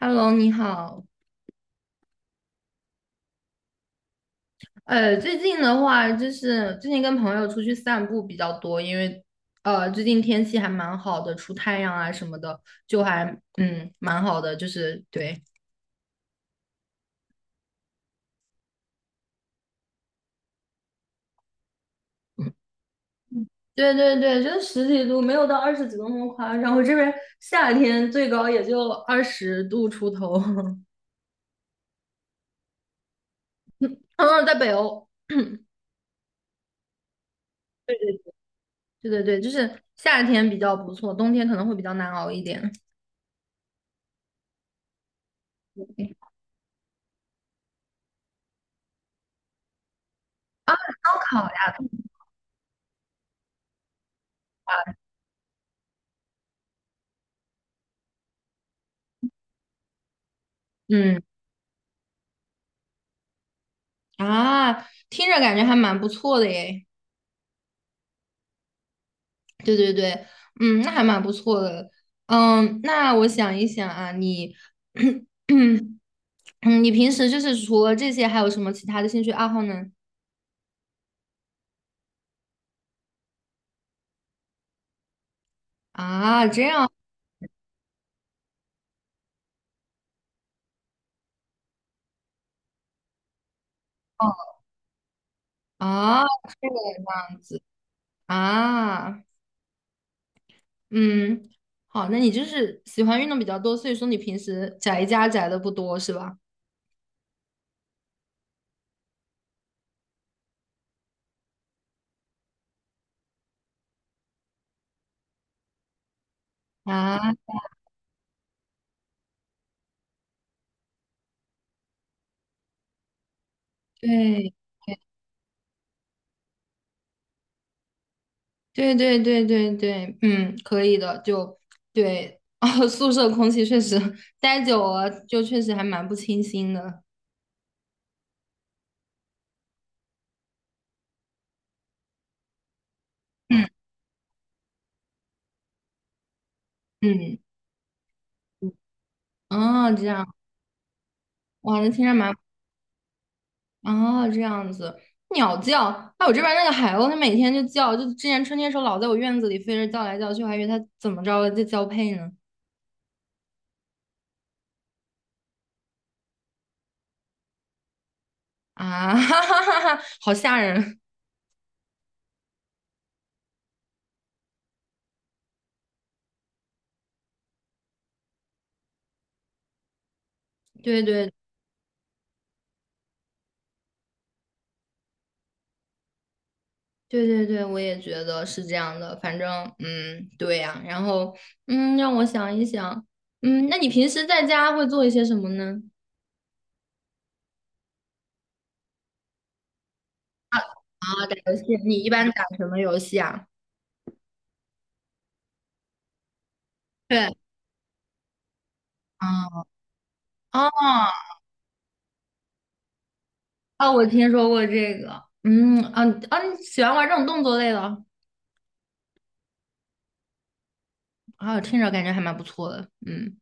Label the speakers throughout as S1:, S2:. S1: Hello，你好。最近的话，就是最近跟朋友出去散步比较多，因为最近天气还蛮好的，出太阳啊什么的，就还蛮好的，就是对。对对对，就十几度，没有到二十几度那么夸张。我这边夏天最高也就20度出头。嗯，在北欧，对对对对对，就是夏天比较不错，冬天可能会比较难熬一点。烧烤呀。嗯啊，听着感觉还蛮不错的耶。对对对，那还蛮不错的。那我想一想啊，你，嗯，你平时就是除了这些，还有什么其他的兴趣爱好呢？啊，这样啊，这个样子啊，嗯，好，那你就是喜欢运动比较多，所以说你平时宅家宅的不多是吧？啊，对。对对对对对，可以的，就对，哦，宿舍空气确实待久了，就确实还蛮不清新的。嗯，哦，这样，哇，那听着蛮，哦，这样子，鸟叫，哎，我这边那个海鸥，它每天就叫，就之前春天时候老在我院子里飞着叫来叫去，我还以为它怎么着了，在交配呢。啊，哈哈哈哈，好吓人。对对对对对，我也觉得是这样的。反正，对呀、然后，让我想一想，那你平时在家会做一些什么呢？啊，打游戏，你一般打什么游戏啊？对，嗯，哦，哦，我听说过这个，嗯，啊啊，你喜欢玩这种动作类的？啊，听着感觉还蛮不错的，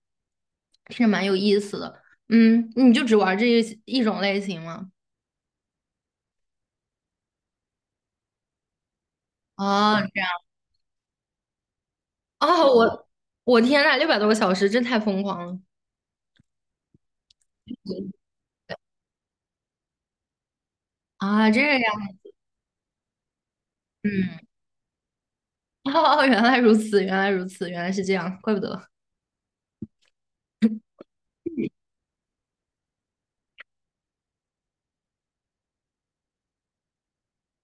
S1: 听着蛮有意思的，你就只玩这一种类型吗？哦，这样，哦，我天呐，600多个小时，真太疯狂了！啊，这。样。嗯，哦，原来如此，原来如此，原来是这样，怪不得。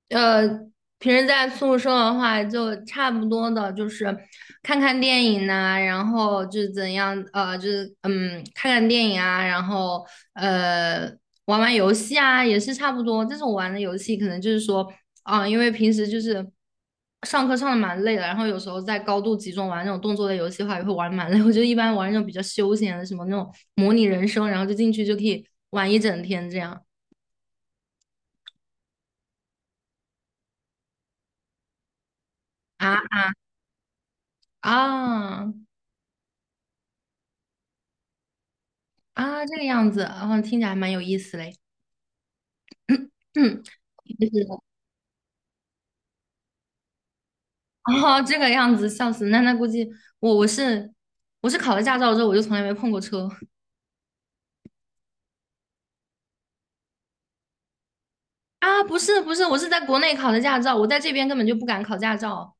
S1: 呃，平时在宿舍的话，就差不多的，就是看看电影呐、然后就是怎样，就是看看电影啊，然后呃，玩玩游戏啊，也是差不多。但是我玩的游戏可能就是说，因为平时就是上课上的蛮累的，然后有时候在高度集中玩那种动作类游戏的话，也会玩得蛮累。我就一般玩那种比较休闲的，什么那种模拟人生，然后就进去就可以玩一整天这样啊啊。啊，这个样子，然后听起来还蛮有意思嘞。嗯，就是哦，这个样子，笑死！那估计我我是我是考了驾照之后，我就从来没碰过车啊。不是不是，我是在国内考的驾照，我在这边根本就不敢考驾照。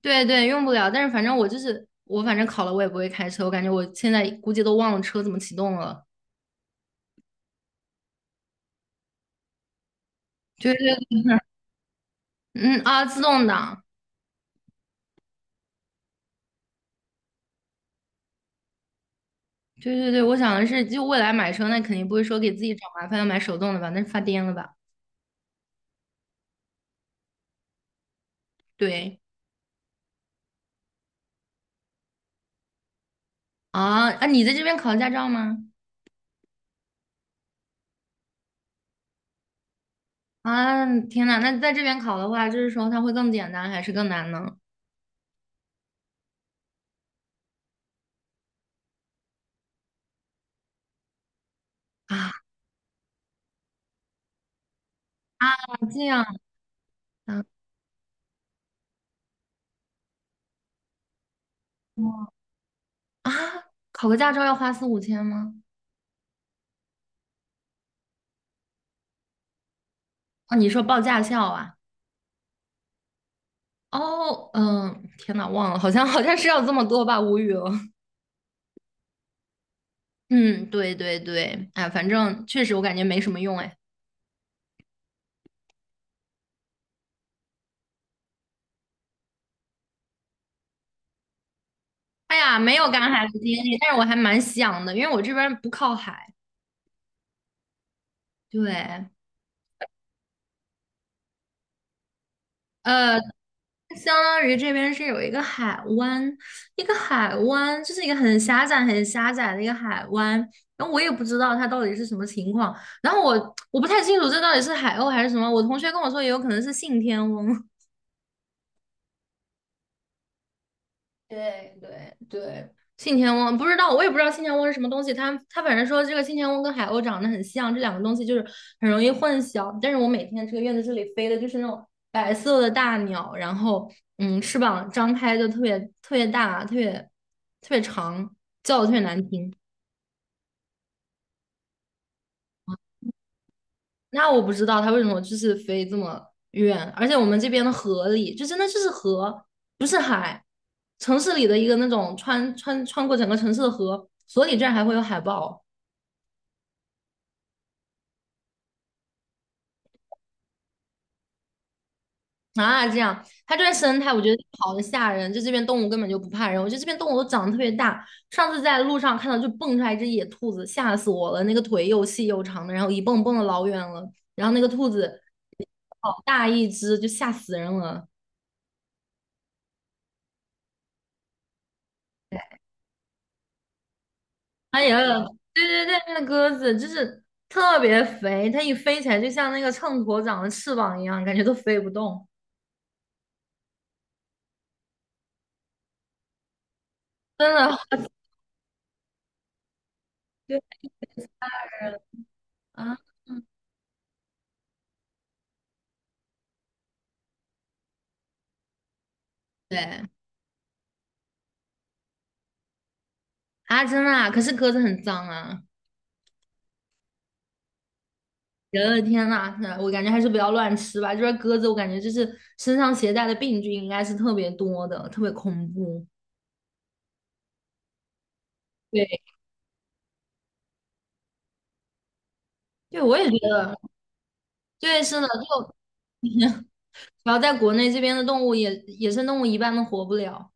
S1: 对对，用不了。但是反正我就是我，反正考了我也不会开车，我感觉我现在估计都忘了车怎么启动了。对对，自动挡。对对对，我想的是，就未来买车，那肯定不会说给自己找麻烦要买手动的吧？那是发癫了吧？对。啊啊！你在这边考驾照吗？啊，天呐，那在这边考的话，就是说它会更简单还是更难呢？啊，这样啊啊，考个驾照要花四五千吗？啊，你说报驾校啊？哦，天呐，忘了，好像是要这么多吧，无语了。嗯，对对对，哎，反正确实我感觉没什么用，哎，哎呀，没有赶海的经历，但是我还蛮想的，因为我这边不靠海，对。呃，相当于这边是有一个海湾，一个海湾，就是一个很狭窄、很狭窄的一个海湾。然后我也不知道它到底是什么情况，然后我不太清楚这到底是海鸥还是什么。我同学跟我说，也有可能是信天翁。对对对，信天翁不知道，我也不知道信天翁是什么东西。他反正说这个信天翁跟海鸥长得很像，这两个东西就是很容易混淆。但是我每天这个院子这里飞的就是那种白色的大鸟，然后翅膀张开就特别特别大，特别特别长，叫的特别难听。那我不知道它为什么就是飞这么远，而且我们这边的河里就真的就是河，不是海。城市里的一个那种穿过整个城市的河，所里居然还会有海豹啊！这样，它这边生态我觉得好的吓人，就这边动物根本就不怕人，我觉得这边动物都长得特别大。上次在路上看到就蹦出来一只野兔子，吓死我了，那个腿又细又长的，然后一蹦蹦的老远了，然后那个兔子好大一只，就吓死人了。哎呀，对对对，那鸽子就是特别肥，它一飞起来就像那个秤砣长了翅膀一样，感觉都飞不动，真的。对啊，嗯对啊，真的啊，可是鸽子很脏啊！我的天呐，那我感觉还是不要乱吃吧。这边鸽子，我感觉就是身上携带的病菌应该是特别多的，特别恐怖。对，对，我也觉得，对，是的，就然要在国内这边的动物也野生动物一般都活不了。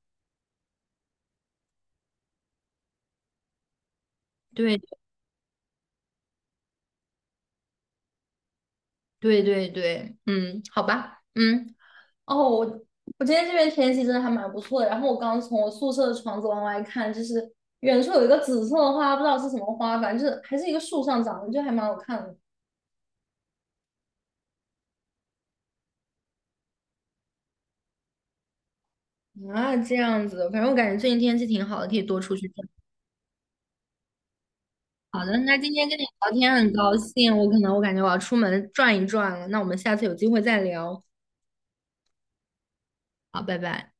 S1: 对，对，对，对，嗯，好吧，嗯。哦，我今天这边天气真的还蛮不错的。然后我刚从我宿舍的窗子往外看，就是远处有一个紫色的花，不知道是什么花，反正就是还是一个树上长的，就还蛮好看的。啊，这样子，反正我感觉最近天气挺好的，可以多出去转。好的，那今天跟你聊天很高兴，我可能我感觉我要出门转一转了，那我们下次有机会再聊。好，拜拜。